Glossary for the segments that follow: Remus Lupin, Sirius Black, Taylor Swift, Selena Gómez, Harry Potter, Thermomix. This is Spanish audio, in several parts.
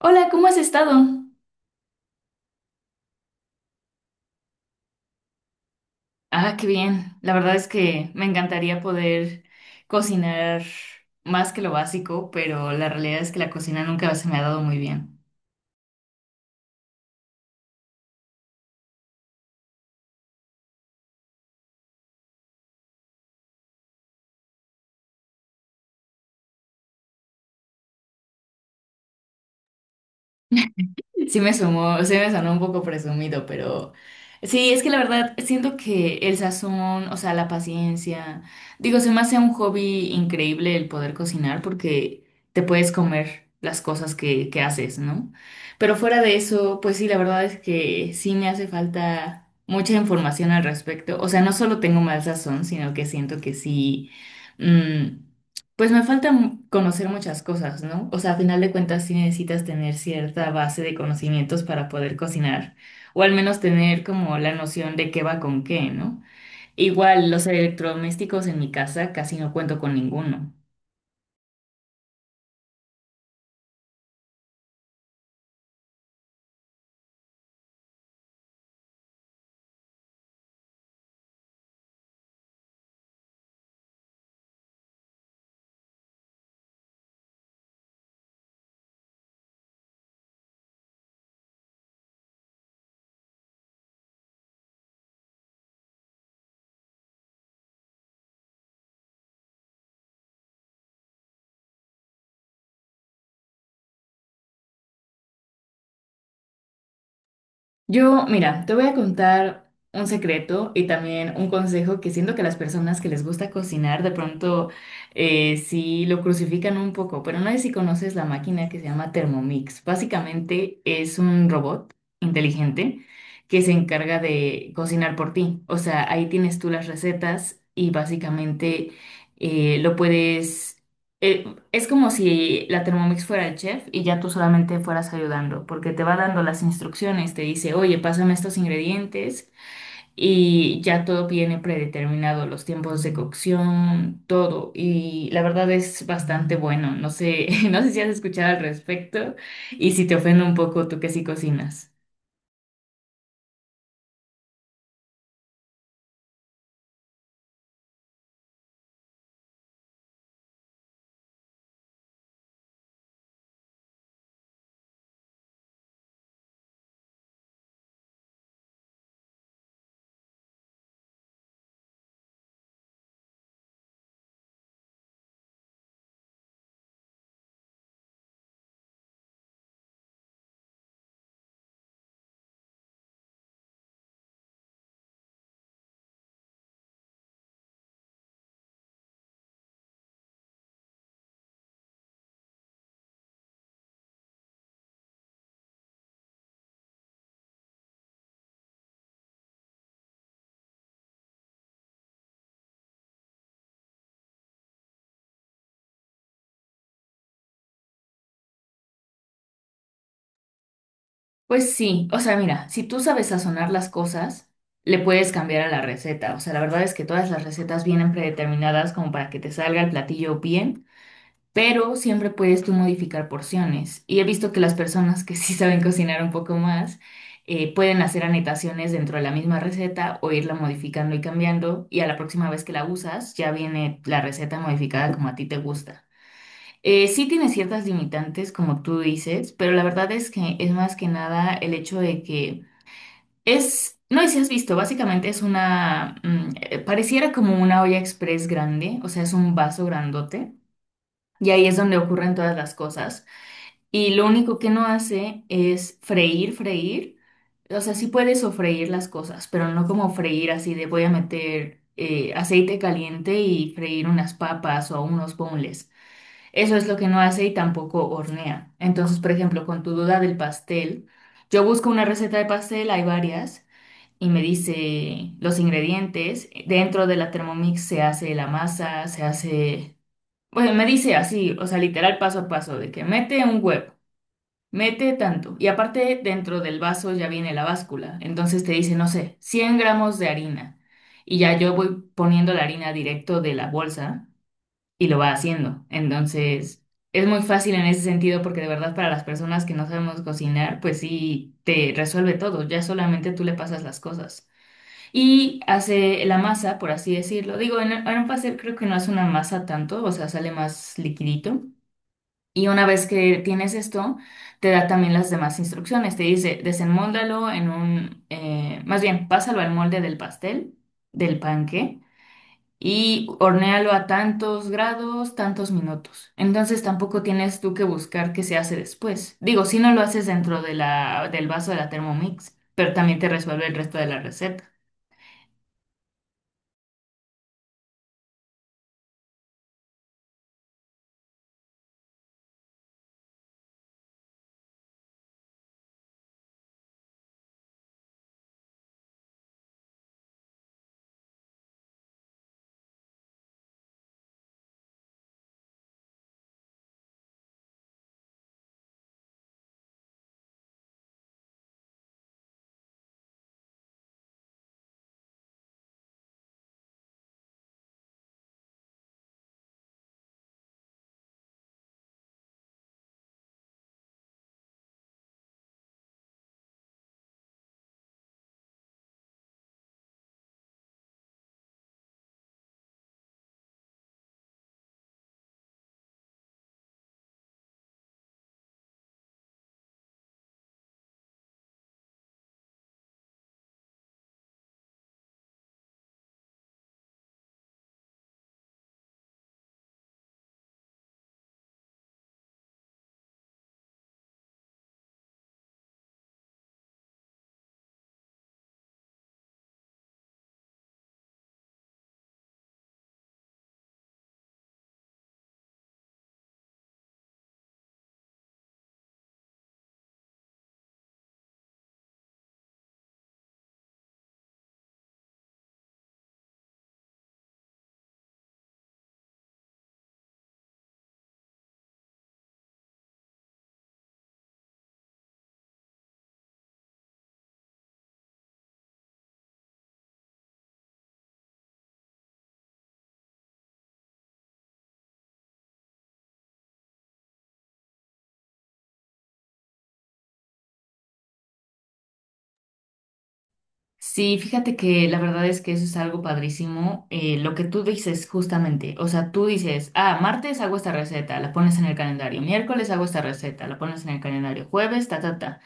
Hola, ¿cómo has estado? Ah, qué bien. La verdad es que me encantaría poder cocinar más que lo básico, pero la realidad es que la cocina nunca se me ha dado muy bien. Sí me sumó, sí me sonó un poco presumido, pero sí, es que la verdad siento que el sazón, o sea, la paciencia, digo, se me hace un hobby increíble el poder cocinar porque te puedes comer las cosas que haces, ¿no? Pero fuera de eso, pues sí, la verdad es que sí me hace falta mucha información al respecto. O sea, no solo tengo mal sazón, sino que siento que sí. mm, pues me falta conocer muchas cosas, ¿no? O sea, a final de cuentas sí necesitas tener cierta base de conocimientos para poder cocinar, o al menos tener como la noción de qué va con qué, ¿no? Igual los electrodomésticos en mi casa casi no cuento con ninguno. Yo, mira, te voy a contar un secreto y también un consejo que siento que las personas que les gusta cocinar de pronto sí lo crucifican un poco, pero no sé si conoces la máquina que se llama Thermomix. Básicamente es un robot inteligente que se encarga de cocinar por ti. O sea, ahí tienes tú las recetas y básicamente eh, lo puedes... eh, es como si la Thermomix fuera el chef y ya tú solamente fueras ayudando, porque te va dando las instrucciones, te dice, oye, pásame estos ingredientes y ya todo viene predeterminado, los tiempos de cocción, todo. Y la verdad es bastante bueno. No sé, no sé si has escuchado al respecto y si te ofende un poco tú que sí cocinas. Pues sí, o sea, mira, si tú sabes sazonar las cosas, le puedes cambiar a la receta. O sea, la verdad es que todas las recetas vienen predeterminadas como para que te salga el platillo bien pero siempre puedes tú modificar porciones. Y he visto que las personas que sí saben cocinar un poco más pueden hacer anotaciones dentro de la misma receta o irla modificando y cambiando. Y a la próxima vez que la usas, ya viene la receta modificada como a ti te gusta. Sí tiene ciertas limitantes, como tú dices, pero la verdad es que es más que nada el hecho de que No, sé si has visto, básicamente es una, pareciera como una olla express grande, o sea, es un vaso grandote, y ahí es donde ocurren todas las cosas. Y lo único que no hace es freír, freír. O sea, sí puede sofreír las cosas, pero no como freír así de voy a meter aceite caliente y freír unas papas o unos boneless. Eso es lo que no hace y tampoco hornea. Entonces, por ejemplo, con tu duda del pastel, yo busco una receta de pastel, hay varias, y me dice los ingredientes. Dentro de la Thermomix se hace la masa, se hace pues me dice así, o sea, literal paso a paso, de que mete un huevo, mete tanto. Y aparte, dentro del vaso ya viene la báscula. Entonces te dice, no sé, 100 gramos de harina. Y ya yo voy poniendo la harina directo de la bolsa y lo va haciendo. Entonces, es muy fácil en ese sentido porque de verdad para las personas que no sabemos cocinar, pues sí, te resuelve todo. Ya solamente tú le pasas las cosas. Y hace la masa, por así decirlo. Digo, en un pastel creo que no hace una masa tanto, o sea, sale más liquidito. Y una vez que tienes esto, te da también las demás instrucciones. Te dice, desenmóldalo más bien, pásalo al molde del pastel, del panque, y hornéalo a tantos grados, tantos minutos. Entonces tampoco tienes tú que buscar qué se hace después. Digo, si no lo haces dentro de del vaso de la Thermomix, pero también te resuelve el resto de la receta. Sí, fíjate que la verdad es que eso es algo padrísimo. Lo que tú dices justamente, o sea, tú dices, ah, martes hago esta receta, la pones en el calendario, miércoles hago esta receta, la pones en el calendario, jueves, ta, ta, ta.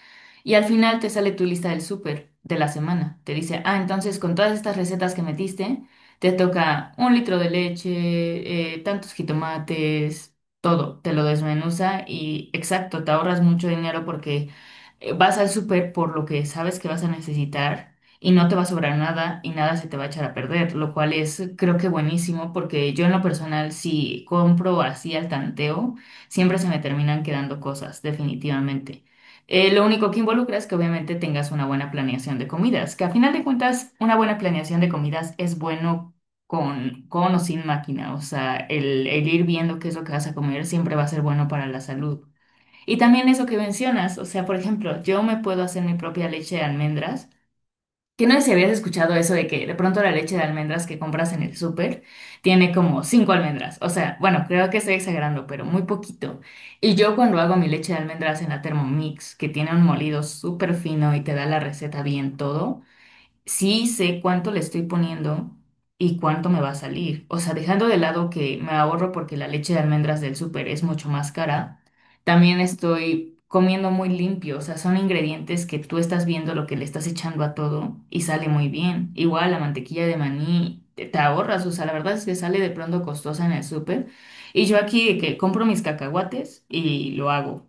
Y al final te sale tu lista del súper de la semana. Te dice, ah, entonces con todas estas recetas que metiste, te toca un litro de leche, tantos jitomates, todo, te lo desmenuza y exacto, te ahorras mucho dinero porque vas al súper por lo que sabes que vas a necesitar y no te va a sobrar nada y nada se te va a echar a perder, lo cual es creo que buenísimo porque yo en lo personal si compro así al tanteo, siempre se me terminan quedando cosas, definitivamente. Lo único que involucra es que obviamente tengas una buena planeación de comidas, que a final de cuentas una buena planeación de comidas es bueno con o sin máquina, o sea, el ir viendo qué es lo que vas a comer siempre va a ser bueno para la salud. Y también eso que mencionas, o sea, por ejemplo, yo me puedo hacer mi propia leche de almendras que no sé si habías escuchado eso de que de pronto la leche de almendras que compras en el súper tiene como cinco almendras. O sea, bueno, creo que estoy exagerando, pero muy poquito. Y yo cuando hago mi leche de almendras en la Thermomix, que tiene un molido súper fino y te da la receta bien todo, sí sé cuánto le estoy poniendo y cuánto me va a salir. O sea, dejando de lado que me ahorro porque la leche de almendras del súper es mucho más cara, también estoy comiendo muy limpio. O sea, son ingredientes que tú estás viendo lo que le estás echando a todo y sale muy bien. Igual la mantequilla de maní. Te ahorras, o sea, la verdad es que sale de pronto costosa en el súper. Y yo aquí de que compro mis cacahuates y lo hago.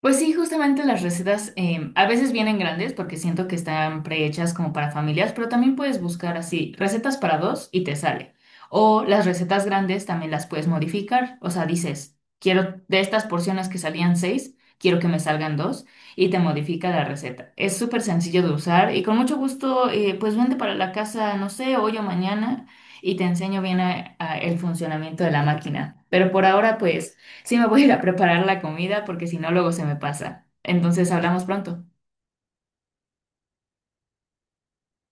Pues sí, justamente las recetas a veces vienen grandes porque siento que están prehechas como para familias, pero también puedes buscar así recetas para dos y te sale. O las recetas grandes también las puedes modificar, o sea, dices, quiero de estas porciones que salían seis, quiero que me salgan dos y te modifica la receta. Es súper sencillo de usar y con mucho gusto, pues vente para la casa, no sé, hoy o mañana y te enseño bien a el funcionamiento de la máquina. Pero por ahora, pues... Sí, me voy a ir a preparar la comida porque si no, luego se me pasa. Entonces, hablamos pronto.